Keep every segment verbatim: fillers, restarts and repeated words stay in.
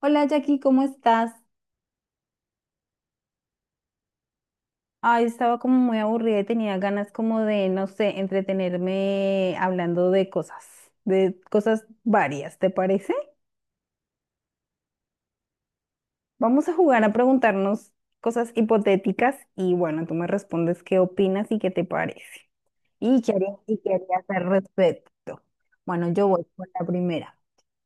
Hola Jackie, ¿cómo estás? Ay, estaba como muy aburrida y tenía ganas como de, no sé, entretenerme hablando de cosas, de cosas varias, ¿te parece? Vamos a jugar a preguntarnos cosas hipotéticas y bueno, tú me respondes qué opinas y qué te parece. Y qué harías, y qué harías al respecto. Bueno, yo voy con la primera.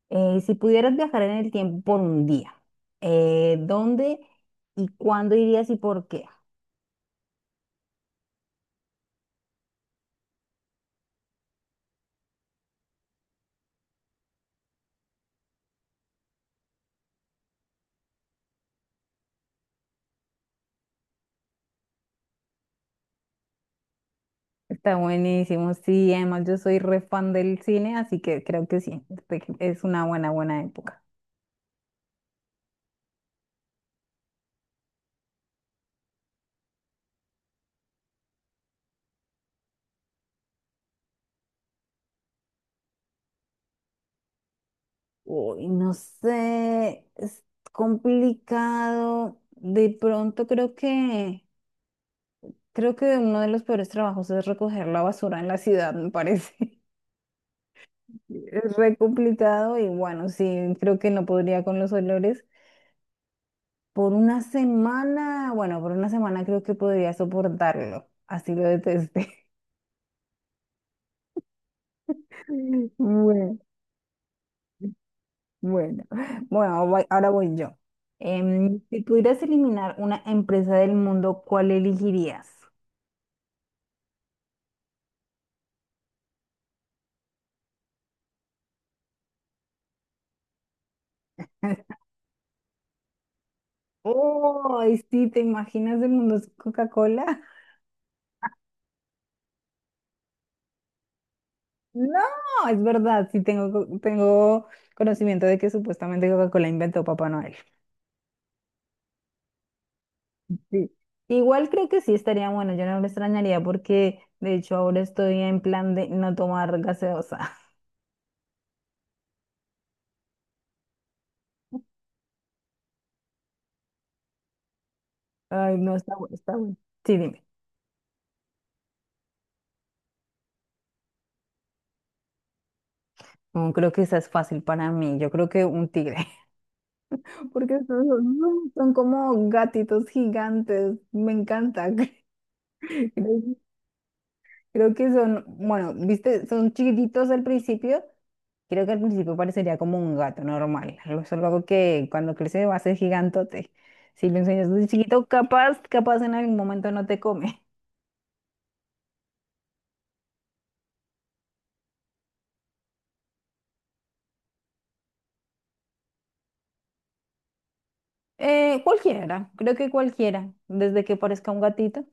Eh, si pudieras viajar en el tiempo por un día, eh, ¿dónde y cuándo irías y por qué? Está buenísimo, sí, además yo soy re fan del cine, así que creo que sí, este, es una buena, buena época. Uy, no sé, es complicado. De pronto creo que, creo que uno de los peores trabajos es recoger la basura en la ciudad, me parece. Es re complicado y bueno, sí, creo que no podría con los olores. Por una semana, bueno, por una semana creo que podría soportarlo, así lo detesté. Bueno. Bueno, bueno, voy- ahora voy yo. Em, si pudieras eliminar una empresa del mundo, ¿cuál elegirías? Oh, sí, ¿te imaginas el mundo sin Coca-Cola? No, es verdad, sí tengo, co- tengo conocimiento de que supuestamente Coca-Cola inventó Papá Noel. Sí. Igual creo que sí estaría bueno, yo no lo extrañaría porque de hecho ahora estoy en plan de no tomar gaseosa. Ay, no, está bueno, está bueno. Sí, dime. Mm, creo que esa es fácil para mí, yo creo que un tigre. Porque son, son- son como gatitos gigantes, me encanta. Creo, creo que son, bueno, viste, son chiquititos al principio. Creo que al principio parecería como un gato normal. Algo es algo que cuando crece va a ser gigantote. Si lo enseñas de chiquito, capaz, capaz en algún momento no te come. Eh, cualquiera, creo que cualquiera, desde que parezca un gatito.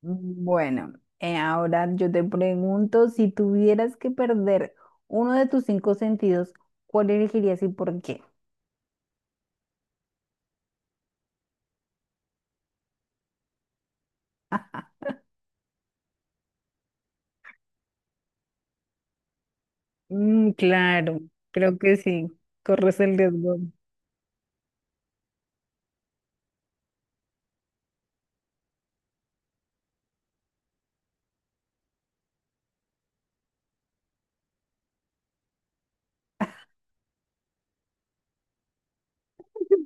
Bueno, eh, ahora yo te pregunto, si tuvieras que perder uno de tus cinco sentidos, ¿cuál elegirías y por qué? Mm, claro, creo que sí, corres el riesgo. En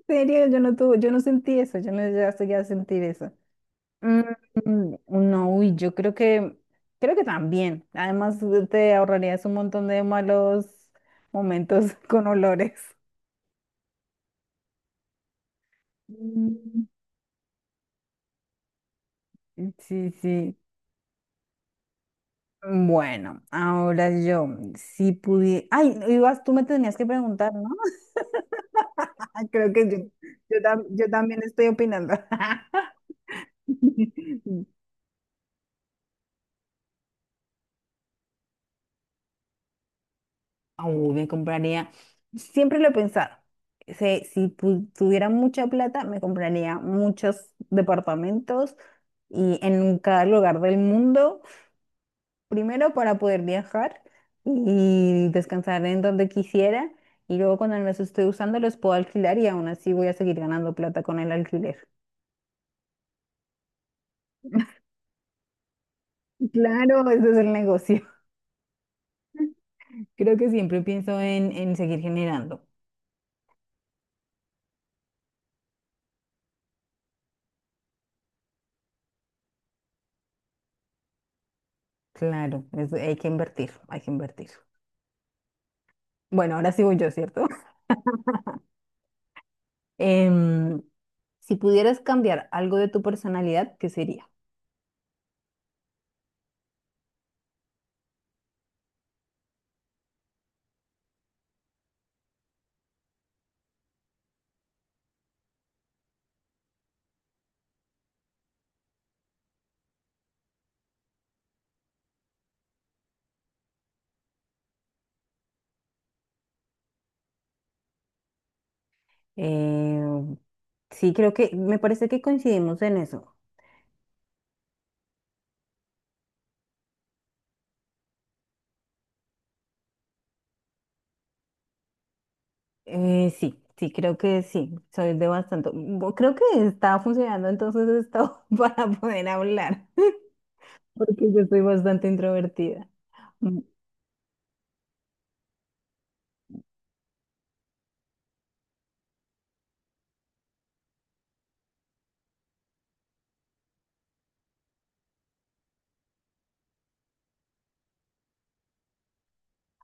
serio, yo no tuve, yo no sentí eso, yo no llegué a sentir eso. Mm, mm, no, uy, yo creo que, creo que también. Además, te ahorrarías un montón de malos momentos con olores. Mm, sí, sí. Bueno, ahora yo, si pudiera... Ay, ibas, tú me tenías que preguntar, ¿no? Creo que yo, yo, tam- yo también estoy opinando. Uy, me compraría, siempre lo he pensado, se- si pu- tuviera mucha plata, me compraría muchos departamentos y en cada lugar del mundo. Primero para poder viajar y descansar en donde quisiera y luego cuando no los estoy usando los puedo alquilar y aún así voy a seguir ganando plata con el alquiler. Claro, ese es el negocio. Creo que siempre pienso en, en seguir generando. Claro, es- hay que invertir, hay que invertir. Bueno, ahora sí voy yo, ¿cierto? Em, si pudieras cambiar algo de tu personalidad, ¿qué sería? Eh, sí, creo que, me parece que coincidimos en eso. Eh, sí, sí, creo que sí, soy de bastante. Bu- Creo que está funcionando entonces esto para poder hablar, porque yo soy bastante introvertida. Mm,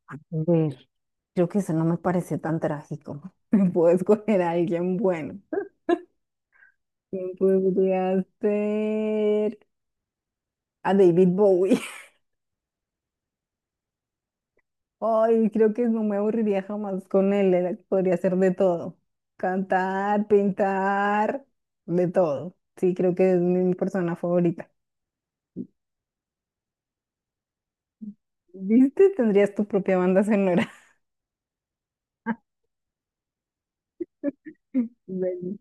a ver, creo que eso no me parece tan trágico. Me puedo escoger a alguien bueno. ¿Quién podría ser? A David Bowie. Ay, creo que no me aburriría jamás con él, era- podría hacer de todo. Cantar, pintar, de todo. Sí, creo que es mi persona favorita. ¿Viste? Tendrías tu propia banda sonora. Bueno.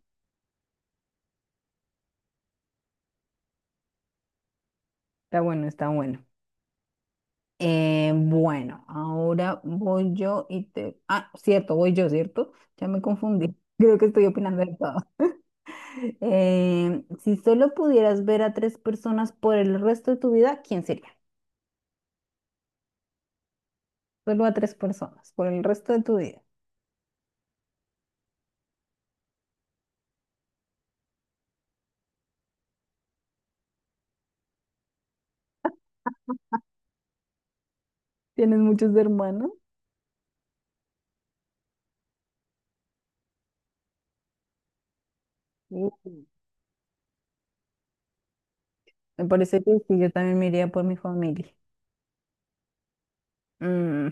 Está bueno, está bueno. Eh, bueno, ahora voy yo y te... Ah, cierto, voy yo, ¿cierto? Ya me confundí. Creo que estoy opinando de todo. Eh, si solo pudieras ver a tres personas por el resto de tu vida, ¿quién sería? Solo a tres personas por el resto de tu vida. ¿Tienes muchos hermanos? Uh. Me parece que sí, yo también me iría por mi familia. Mm,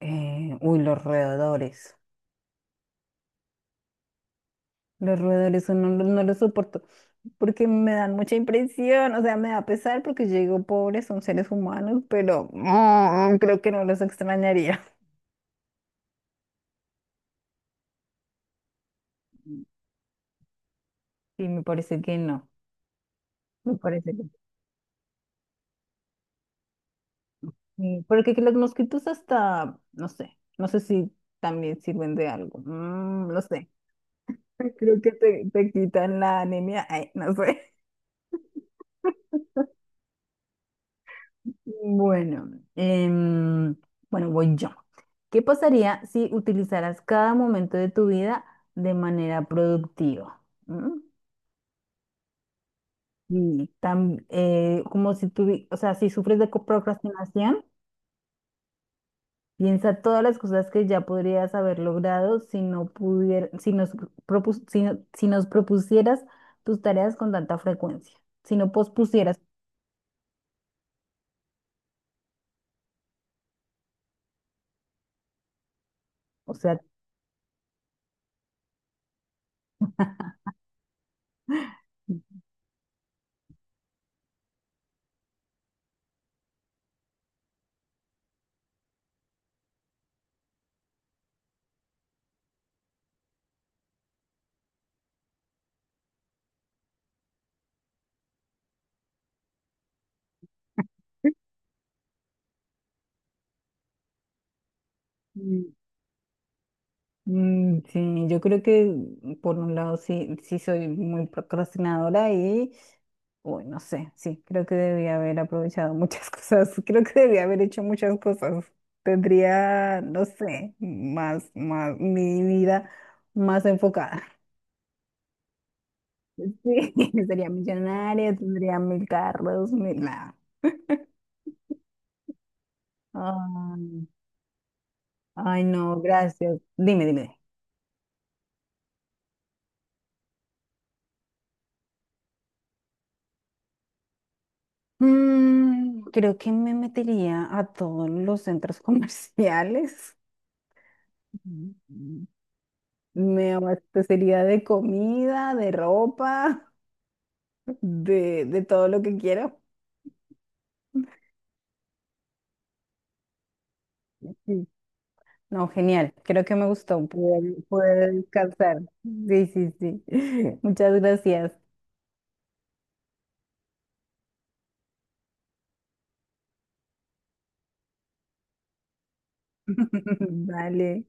eh, uy, los roedores. Los roedores son- no, no no los soporto porque me dan mucha impresión. O sea, me da pesar porque yo digo, pobres, son seres humanos, pero mm, creo que no los extrañaría. Sí, me parece que no. Me parece que sí. Porque que los mosquitos hasta, no sé, no sé si también sirven de algo. Mm, no sé. Creo que te, te quitan la anemia. Ay, no sé. Bueno, em, bueno, voy yo. ¿Qué pasaría si utilizaras cada momento de tu vida de manera productiva? ¿Mm? Y tam- eh, como si tuvi- o sea, si sufres de co- procrastinación, piensa todas las cosas que ya podrías haber logrado si no pudier- si nos propus- si no- si nos propusieras tus tareas con tanta frecuencia, si no pospusieras, o sea, mm, sí, yo creo que mm, por un lado sí, sí soy muy procrastinadora y, uy, no sé, sí, creo que debía haber aprovechado muchas cosas, creo que debía haber hecho muchas cosas. Tendría, no sé, más, más, mi vida más enfocada. Sí, sería millonaria, tendría mil carros, mil, nada. Ay, ay, no, gracias. Dime, dime. Mm, creo que me metería a todos los centros comerciales. Mm, me abastecería de comida, de ropa, de, de todo lo que quiero. Sí. No, genial. Creo que me gustó poder, poder descansar. Sí, sí, sí. Muchas gracias. Vale.